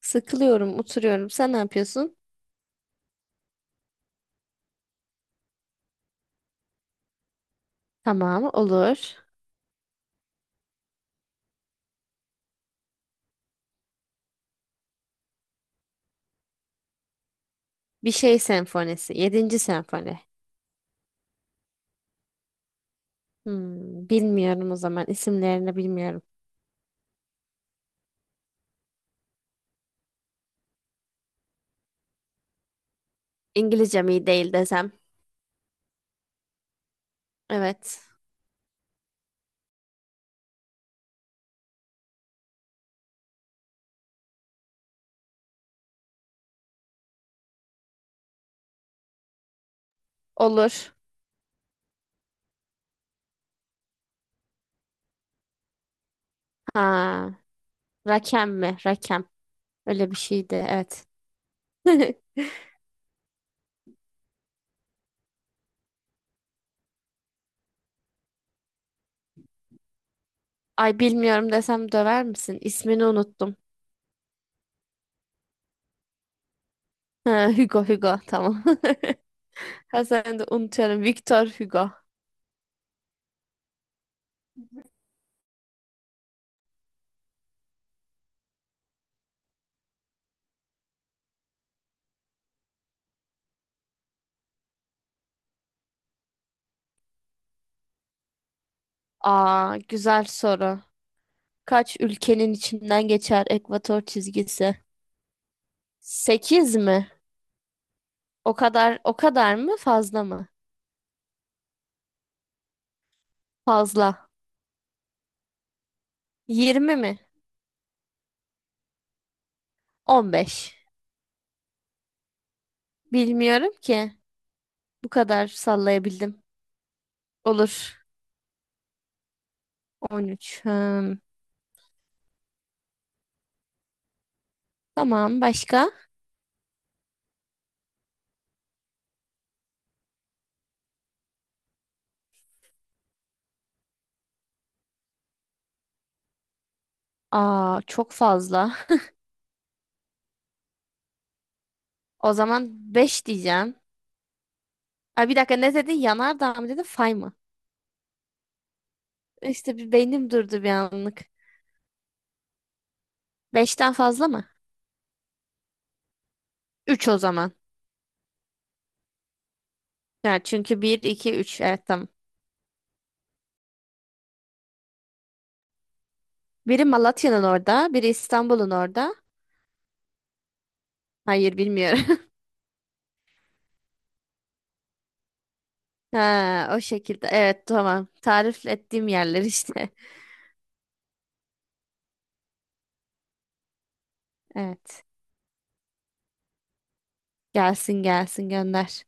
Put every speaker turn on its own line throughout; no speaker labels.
Sıkılıyorum, oturuyorum. Sen ne yapıyorsun? Tamam, olur. Bir şey senfonisi. Yedinci senfoni. Bilmiyorum o zaman. İsimlerini bilmiyorum. İngilizcem iyi değil desem. Evet. Olur. Ha, Rakem mi? Rakem. Öyle bir şeydi. Evet. Ay bilmiyorum desem döver misin? İsmini unuttum. Ha, Hugo, Hugo. Tamam. Ha, sen de unutuyorum. Victor Hugo. Aa, güzel soru. Kaç ülkenin içinden geçer ekvator çizgisi? 8 mi? O kadar mı fazla mı? Fazla. 20 mi? 15. Bilmiyorum ki. Bu kadar sallayabildim. Olur. 13. Hmm. Tamam başka? Aa çok fazla. O zaman beş diyeceğim. Ay bir dakika ne dedin? Yanardağ mı dedin? Fay mı? İşte bir beynim durdu bir anlık. Beşten fazla mı? 3 o zaman. Yani çünkü bir 2 üç. Evet, tamam. Biri Malatya'nın orada, biri İstanbul'un orada. Hayır, bilmiyorum. Ha, o şekilde. Evet, tamam. Tarif ettiğim yerler işte. Evet. Gelsin gelsin gönder.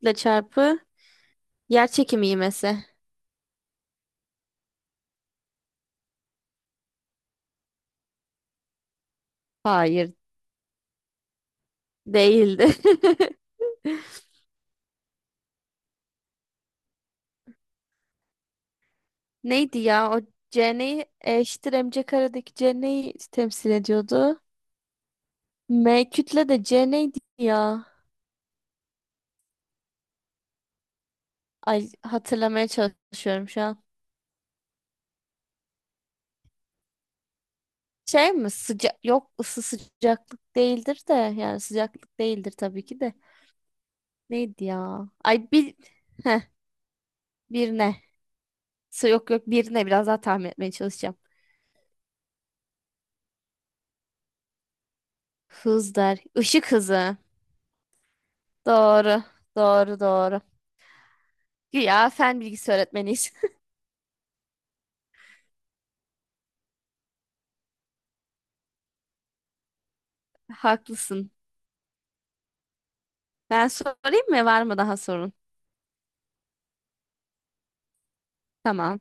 Kütle çarpı yer çekimi ivmesi. Hayır, değildi. Neydi ya? O C neyi eşittir MC karedeki C neyi temsil ediyordu? M kütle, de C neydi ya? Ay, hatırlamaya çalışıyorum şu an. Şey mi? Sıcak, yok, ısı, sıcaklık değildir de, yani sıcaklık değildir tabii ki de. Neydi ya? Ay bir. Heh, bir ne? Yok, yok, birine biraz daha tahmin etmeye çalışacağım. Hız der. Işık hızı. Doğru. Doğru doğru. Güya fen bilgisi öğretmeniyiz. Haklısın. Ben sorayım mı? Var mı daha sorun? Tamam.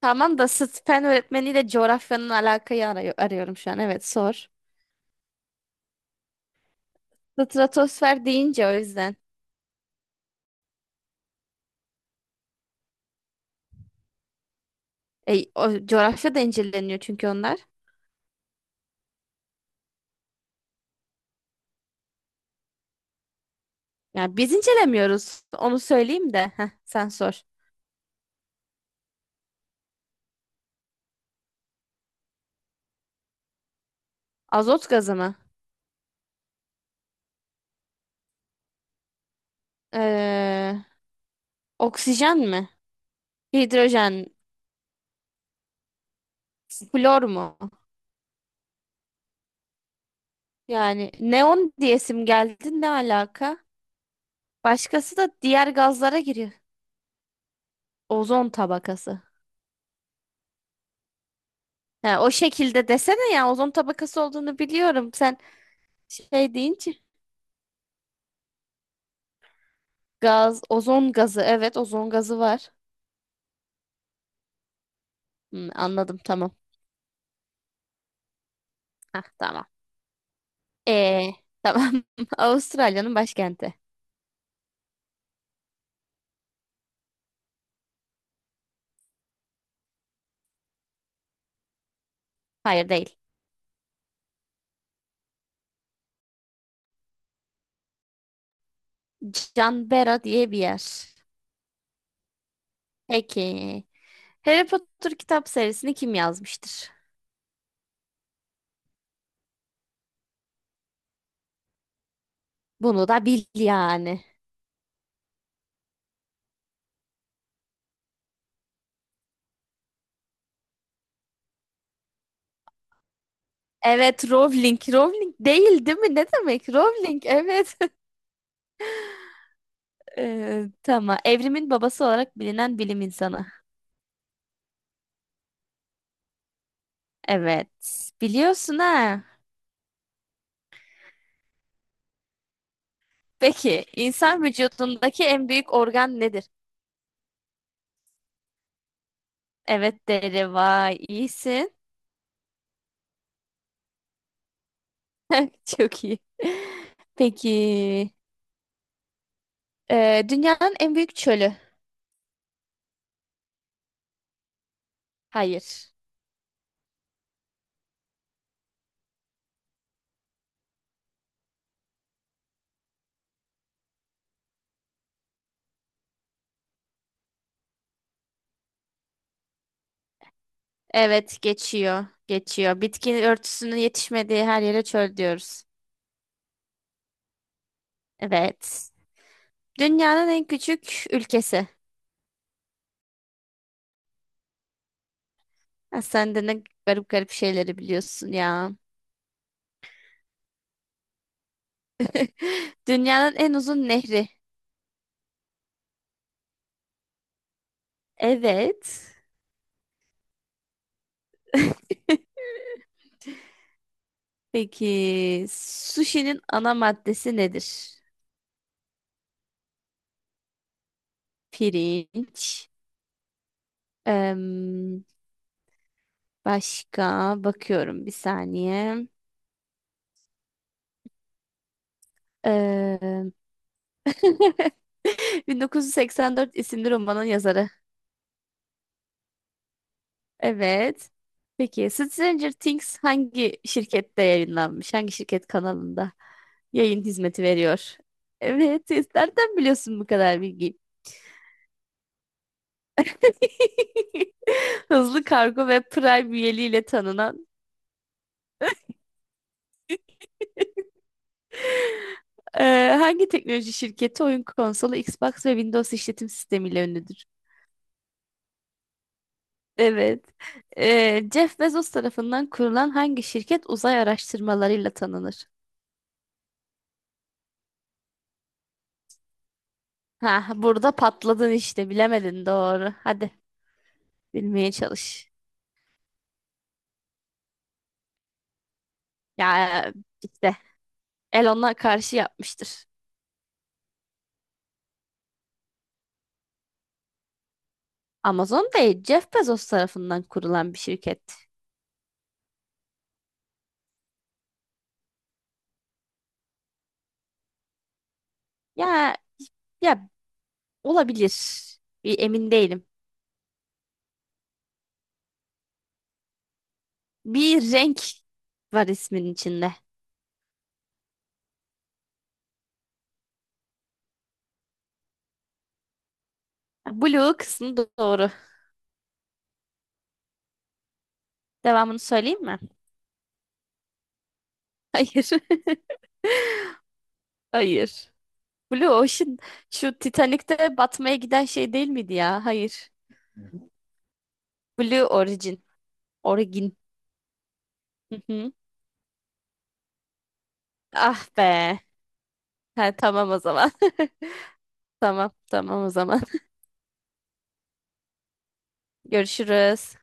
Tamam da sıt fen öğretmeniyle coğrafyanın alakayı arıyorum şu an. Evet, sor. Stratosfer deyince o yüzden. E, o, coğrafya da inceleniyor çünkü onlar. Yani biz incelemiyoruz. Onu söyleyeyim de. Heh, sen sor. Azot gazı mı? Ee, oksijen mi? Hidrojen. Flor mu? Yani neon diyesim geldi, ne alaka? Başkası da diğer gazlara giriyor. Ozon tabakası. Ha, o şekilde desene ya, ozon tabakası olduğunu biliyorum. Sen şey deyince gaz, ozon gazı. Evet, ozon gazı var. Anladım, tamam. Hah, tamam. Ee, tamam. Avustralya'nın başkenti. Hayır, değil. Canberra diye bir yer. Peki. Harry Potter kitap serisini kim yazmıştır? Bunu da bil yani. Evet, Rowling. Rowling değil, değil mi? Ne demek? Rowling, evet. Tamam. Evrimin babası olarak bilinen bilim insanı. Evet. Biliyorsun ha. Peki, insan vücudundaki en büyük organ nedir? Evet, deri. Vay, iyisin. Çok iyi. Peki, dünyanın en büyük çölü. Hayır. Evet, geçiyor. Geçiyor. Bitki örtüsünün yetişmediği her yere çöl diyoruz. Evet. Dünyanın en küçük ülkesi. Ya sen de ne garip garip şeyleri biliyorsun ya. Dünyanın en uzun nehri. Evet. Peki, sushi'nin ana maddesi nedir? Pirinç. Em, başka bakıyorum bir saniye. Em, 1984 isimli romanın yazarı. Evet. Peki Stranger Things hangi şirkette yayınlanmış? Hangi şirket kanalında yayın hizmeti veriyor? Evet. Nereden biliyorsun bu kadar bilgiyi? Hızlı Kargo ve Prime üyeliğiyle tanınan hangi teknoloji şirketi oyun konsolu, Xbox ve Windows işletim sistemiyle ünlüdür? Evet. Jeff Bezos tarafından kurulan hangi şirket uzay araştırmalarıyla tanınır? Ha, burada patladın işte, bilemedin, doğru. Hadi. Bilmeye çalış. Ya, işte Elon'a karşı yapmıştır. Amazon değil, Jeff Bezos tarafından kurulan bir şirket. Ya, ya, olabilir. Bir, emin değilim. Bir renk var ismin içinde. Blue kısmı doğru. Devamını söyleyeyim mi? Hayır. Hayır. Blue Ocean şu Titanic'te batmaya giden şey değil miydi ya? Hayır. Blue Origin. Origin. Hı hı. Ah be. Ha, tamam o zaman. Tamam, tamam o zaman. Görüşürüz.